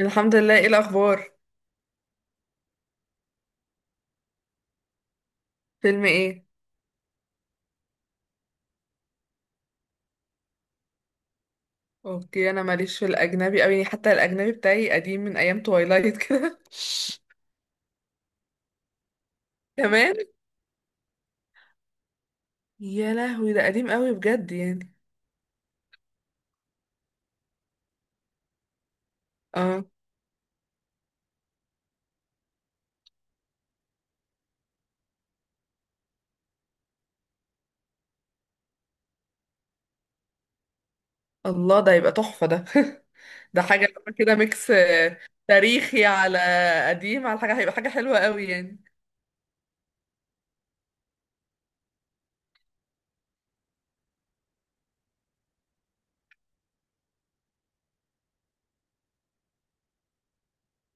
الحمد لله، ايه الاخبار؟ فيلم ايه؟ اوكي، انا ماليش في الاجنبي قوي، يعني حتى الاجنبي بتاعي قديم من ايام توايلايت كده. كمان. يا لهوي، ده قديم قوي بجد يعني. اه. الله، ده يبقى تحفة ده. ده حاجة اللي هو كده ميكس تاريخي على قديم على حاجة، هيبقى حاجة حلوة قوي يعني.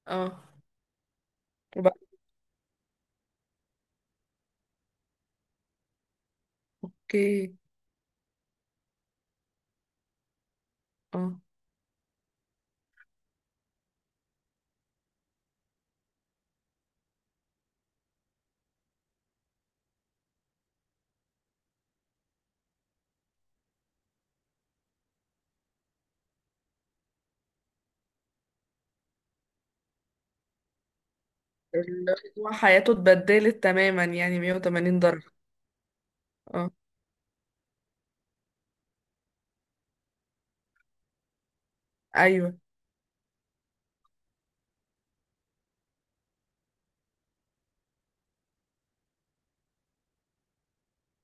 اه. وبقى. اوكي. اه. اللي هو حياته اتبدلت تماما، يعني 180 درجة. اه، ايوه.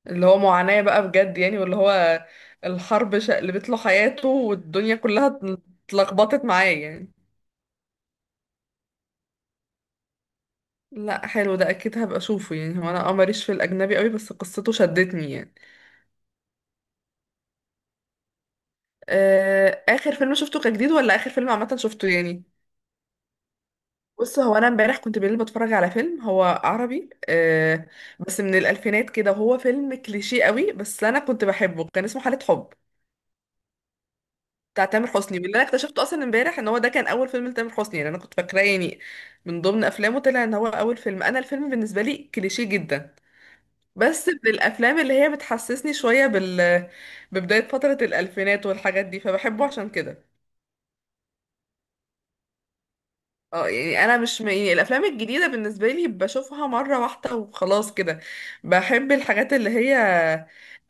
اللي هو معاناة بقى بجد يعني، واللي هو الحرب شقلبت له حياته، والدنيا كلها اتلخبطت معاه يعني. لا حلو، ده اكيد هبقى اشوفه يعني. هو انا ماليش في الاجنبي قوي، بس قصته شدتني يعني. اخر فيلم شفته كان جديد، ولا اخر فيلم عامه شفته يعني؟ بص، هو انا امبارح كنت بالليل بتفرج على فيلم هو عربي بس من الالفينات كده، وهو فيلم كليشيه قوي، بس انا كنت بحبه، كان اسمه حالة حب. بتاع تامر حسني، واللي انا اكتشفته اصلا امبارح ان هو ده كان اول فيلم لتامر حسني يعني. انا كنت فاكراه يعني من ضمن افلامه، طلع ان هو اول فيلم. انا الفيلم بالنسبه لي كليشيه جدا، بس من الافلام اللي هي بتحسسني شويه بال ببدايه فتره الالفينات والحاجات دي، فبحبه عشان كده. اه يعني انا مش م... يعني الافلام الجديده بالنسبه لي بشوفها مره واحده وخلاص كده. بحب الحاجات اللي هي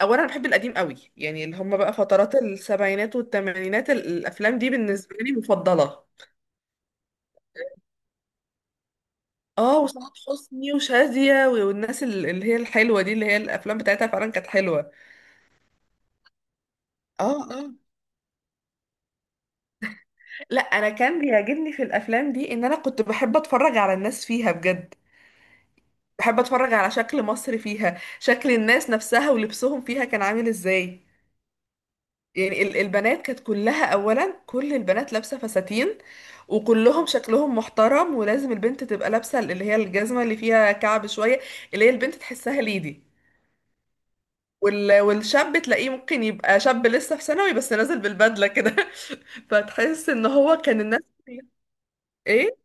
اولا بحب القديم قوي، يعني اللي هم بقى فترات السبعينات والثمانينات، الافلام دي بالنسبه لي مفضله. اه، وسعاد حسني وشادية والناس اللي هي الحلوة دي، اللي هي الأفلام بتاعتها فعلا كانت حلوة. اه اه، لا أنا كان بيعجبني في الأفلام دي إن أنا كنت بحب أتفرج على الناس فيها بجد. بحب أتفرج على شكل مصر فيها، شكل الناس نفسها ولبسهم فيها كان عامل إزاي. يعني البنات كانت كلها، أولا كل البنات لابسة فساتين، وكلهم شكلهم محترم، ولازم البنت تبقى لابسة اللي هي الجزمة اللي فيها كعب شوية، اللي هي البنت تحسها ليدي. والشاب تلاقيه ممكن يبقى شاب لسه في ثانوي، بس نازل بالبدلة كده. فتحس ان هو كان الناس. ايه.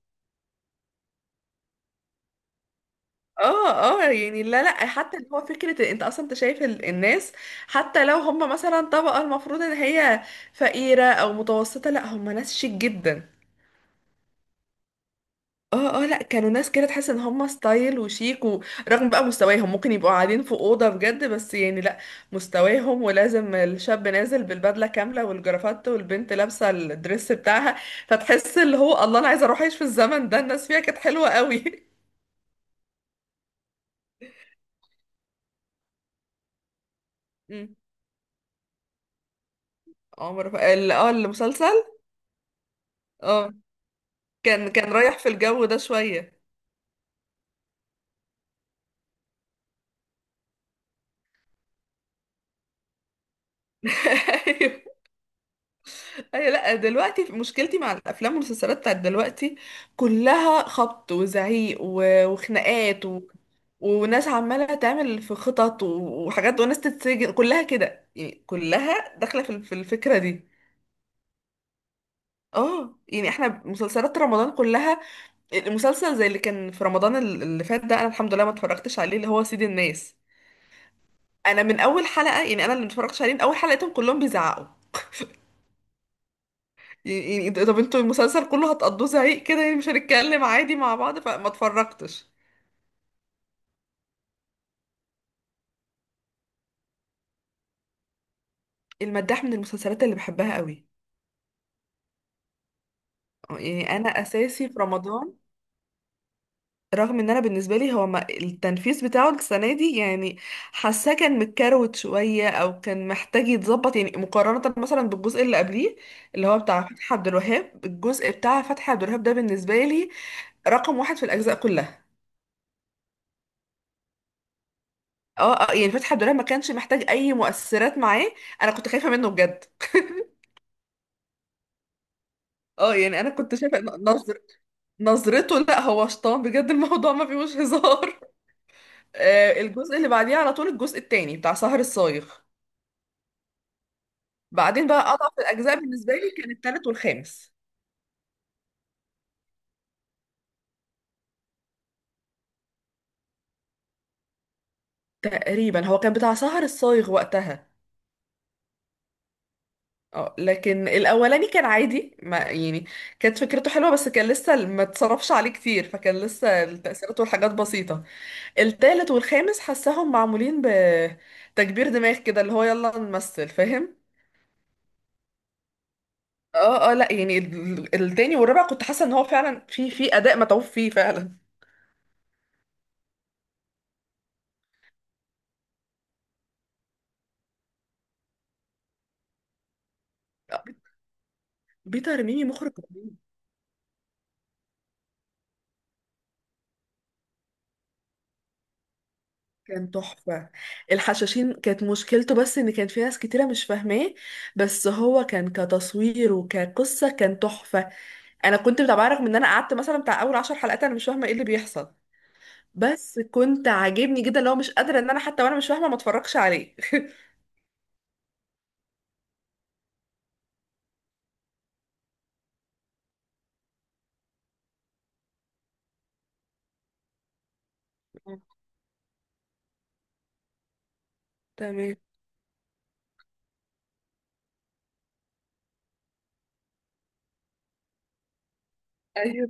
اه اه يعني، لا لا حتى اللي هو فكرة إن انت اصلا انت شايف الناس، حتى لو هم مثلا طبقة المفروض ان هي فقيرة او متوسطة، لا هم ناس شيك جدا. اه اه، لا كانوا ناس كده تحس ان هم ستايل وشيك، ورغم بقى مستواهم ممكن يبقوا قاعدين في اوضه بجد، بس يعني لا. مستواهم، ولازم الشاب نازل بالبدله كامله والجرافات، والبنت لابسه الدريس بتاعها. فتحس اللي هو الله، انا عايزه اروح اعيش في الزمن ده، الناس فيها كانت حلوه قوي. أمم. المسلسل. اه. كان رايح في الجو ده شويه. ايوه، أيوة، لا دلوقتي مشكلتي مع الافلام والمسلسلات بتاعت دلوقتي كلها خبط وزعيق وخناقات، وناس عمالة تعمل في خطط وحاجات، وناس تتسجن، كلها كده يعني، كلها داخلة في الفكرة دي. اه يعني احنا مسلسلات رمضان كلها. المسلسل زي اللي كان في رمضان اللي فات ده، انا الحمد لله ما اتفرجتش عليه، اللي هو سيد الناس. انا من اول حلقة يعني، انا اللي ما اتفرجتش عليه من اول حلقة، لقيتهم كلهم بيزعقوا. يعني طب انتوا المسلسل كله هتقضوه زعيق كده يعني؟ مش هنتكلم عادي مع بعض؟ فما اتفرجتش. المداح من المسلسلات اللي بحبها قوي. يعني انا اساسي في رمضان، رغم ان انا بالنسبه لي هو ما التنفيذ بتاعه السنه دي يعني، حاساه كان متكروت شويه، او كان محتاج يتظبط، يعني مقارنه مثلا بالجزء اللي قبليه اللي هو بتاع فتحي عبد الوهاب. الجزء بتاع فتحي عبد الوهاب ده بالنسبه لي رقم واحد في الاجزاء كلها. اه اه يعني فتحي عبد الوهاب ما كانش محتاج اي مؤثرات معاه. انا كنت خايفه منه بجد. اه يعني انا كنت شايفه إن نظرته، لا هو شطان بجد، الموضوع ما فيهوش هزار. الجزء اللي بعديه على طول الجزء التاني بتاع سهر الصايغ. بعدين بقى اضعف الاجزاء بالنسبه لي كان التالت والخامس. تقريبا هو كان بتاع سهر الصايغ وقتها. اه، لكن الاولاني كان عادي ما يعني، كانت فكرته حلوه، بس كان لسه ما اتصرفش عليه كتير، فكان لسه التاثيرات والحاجات بسيطه. التالت والخامس حساهم معمولين بتكبير دماغ كده، اللي هو يلا نمثل فاهم. اه اه لا يعني التاني والرابع كنت حاسه ان هو فعلا في اداء متعوب فيه فعلا. آه، بيتر ميمي مخرج. كان تحفة. الحشاشين كانت مشكلته بس ان كان في ناس كتيرة مش فاهماه، بس هو كان كتصوير وكقصة كان تحفة. انا كنت متابعة، رغم ان انا قعدت مثلا بتاع اول عشر حلقات انا مش فاهمة ايه اللي بيحصل، بس كنت عاجبني جدا. لو مش قادرة ان انا حتى وانا مش فاهمة ما اتفرجش عليه. تمام. ايوه.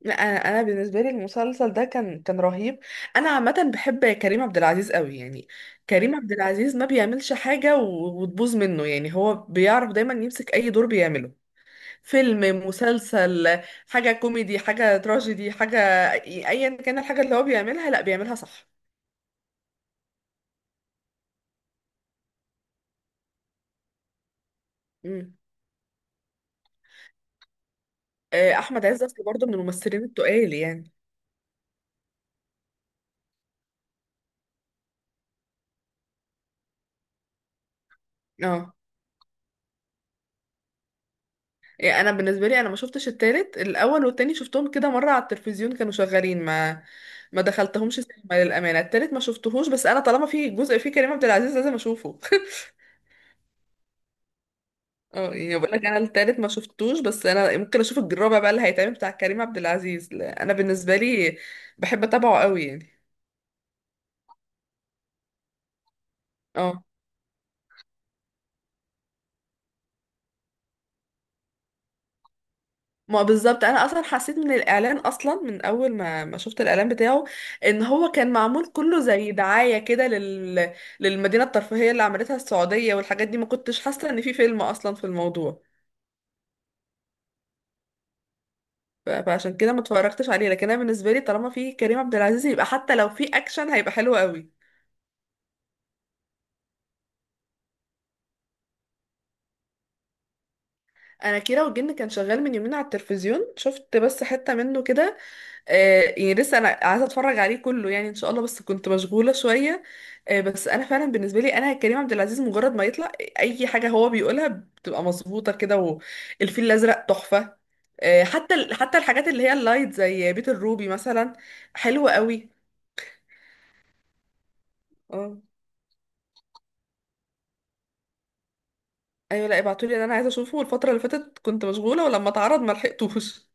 لا، انا بالنسبه لي المسلسل ده كان رهيب. انا عامه بحب كريم عبد العزيز قوي يعني. كريم عبد العزيز ما بيعملش حاجه وتبوظ منه يعني، هو بيعرف دايما يمسك اي دور بيعمله. فيلم، مسلسل، حاجة كوميدي، حاجة تراجيدي، حاجة أيا كان، الحاجة اللي هو بيعملها لأ بيعملها صح. مم. أحمد عز أصل برضه من الممثلين التقال يعني. اه يعني أنا بالنسبة لي أنا ما شفتش التالت. الأول والتاني شفتهم كده مرة على التلفزيون كانوا شغالين، ما دخلتهمش سينما للأمانة. التالت ما شفتهوش، بس أنا طالما في جزء فيه كريم عبد العزيز لازم أشوفه. اه يعني بقول لك انا التالت ما شفتوش، بس انا ممكن اشوف الرابع بقى اللي هيتعمل بتاع كريم عبد العزيز. لا، انا بالنسبه لي بحب اتابعه قوي يعني. اه، ما بالظبط، انا اصلا حسيت من الاعلان اصلا، من اول ما شفت الاعلان بتاعه ان هو كان معمول كله زي دعايه كده للمدينه الترفيهيه اللي عملتها السعوديه والحاجات دي. ما كنتش حاسه ان في فيلم اصلا في الموضوع. فعشان كده ما اتفرجتش عليه، لكن انا بالنسبه لي طالما في كريم عبد العزيز يبقى حتى لو في اكشن هيبقى حلو قوي. انا كيرة والجن كان شغال من يومين على التلفزيون، شفت بس حته منه كده. يعني لسه انا عايزه اتفرج عليه كله يعني ان شاء الله، بس كنت مشغوله شويه. بس انا فعلا بالنسبه لي انا كريم عبد العزيز مجرد ما يطلع اي حاجه هو بيقولها بتبقى مظبوطه كده. والفيل الازرق تحفه. حتى الحاجات اللي هي اللايت زي بيت الروبي مثلا حلوه قوي. اه. ايوه. لا ابعتولي ده، انا عايزه اشوفه، الفتره اللي فاتت كنت مشغوله، ولما اتعرض ما لحقتوش.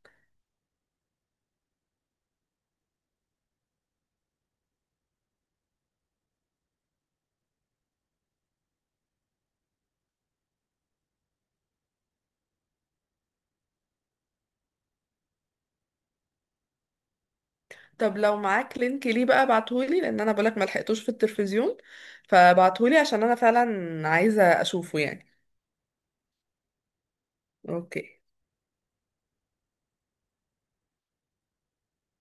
طب لو معاك لينك ليه بقى ابعتهولي، لان انا بقولك ما لحقتوش في التلفزيون، فابعتهولي عشان انا فعلا عايزه اشوفه يعني. اوكي.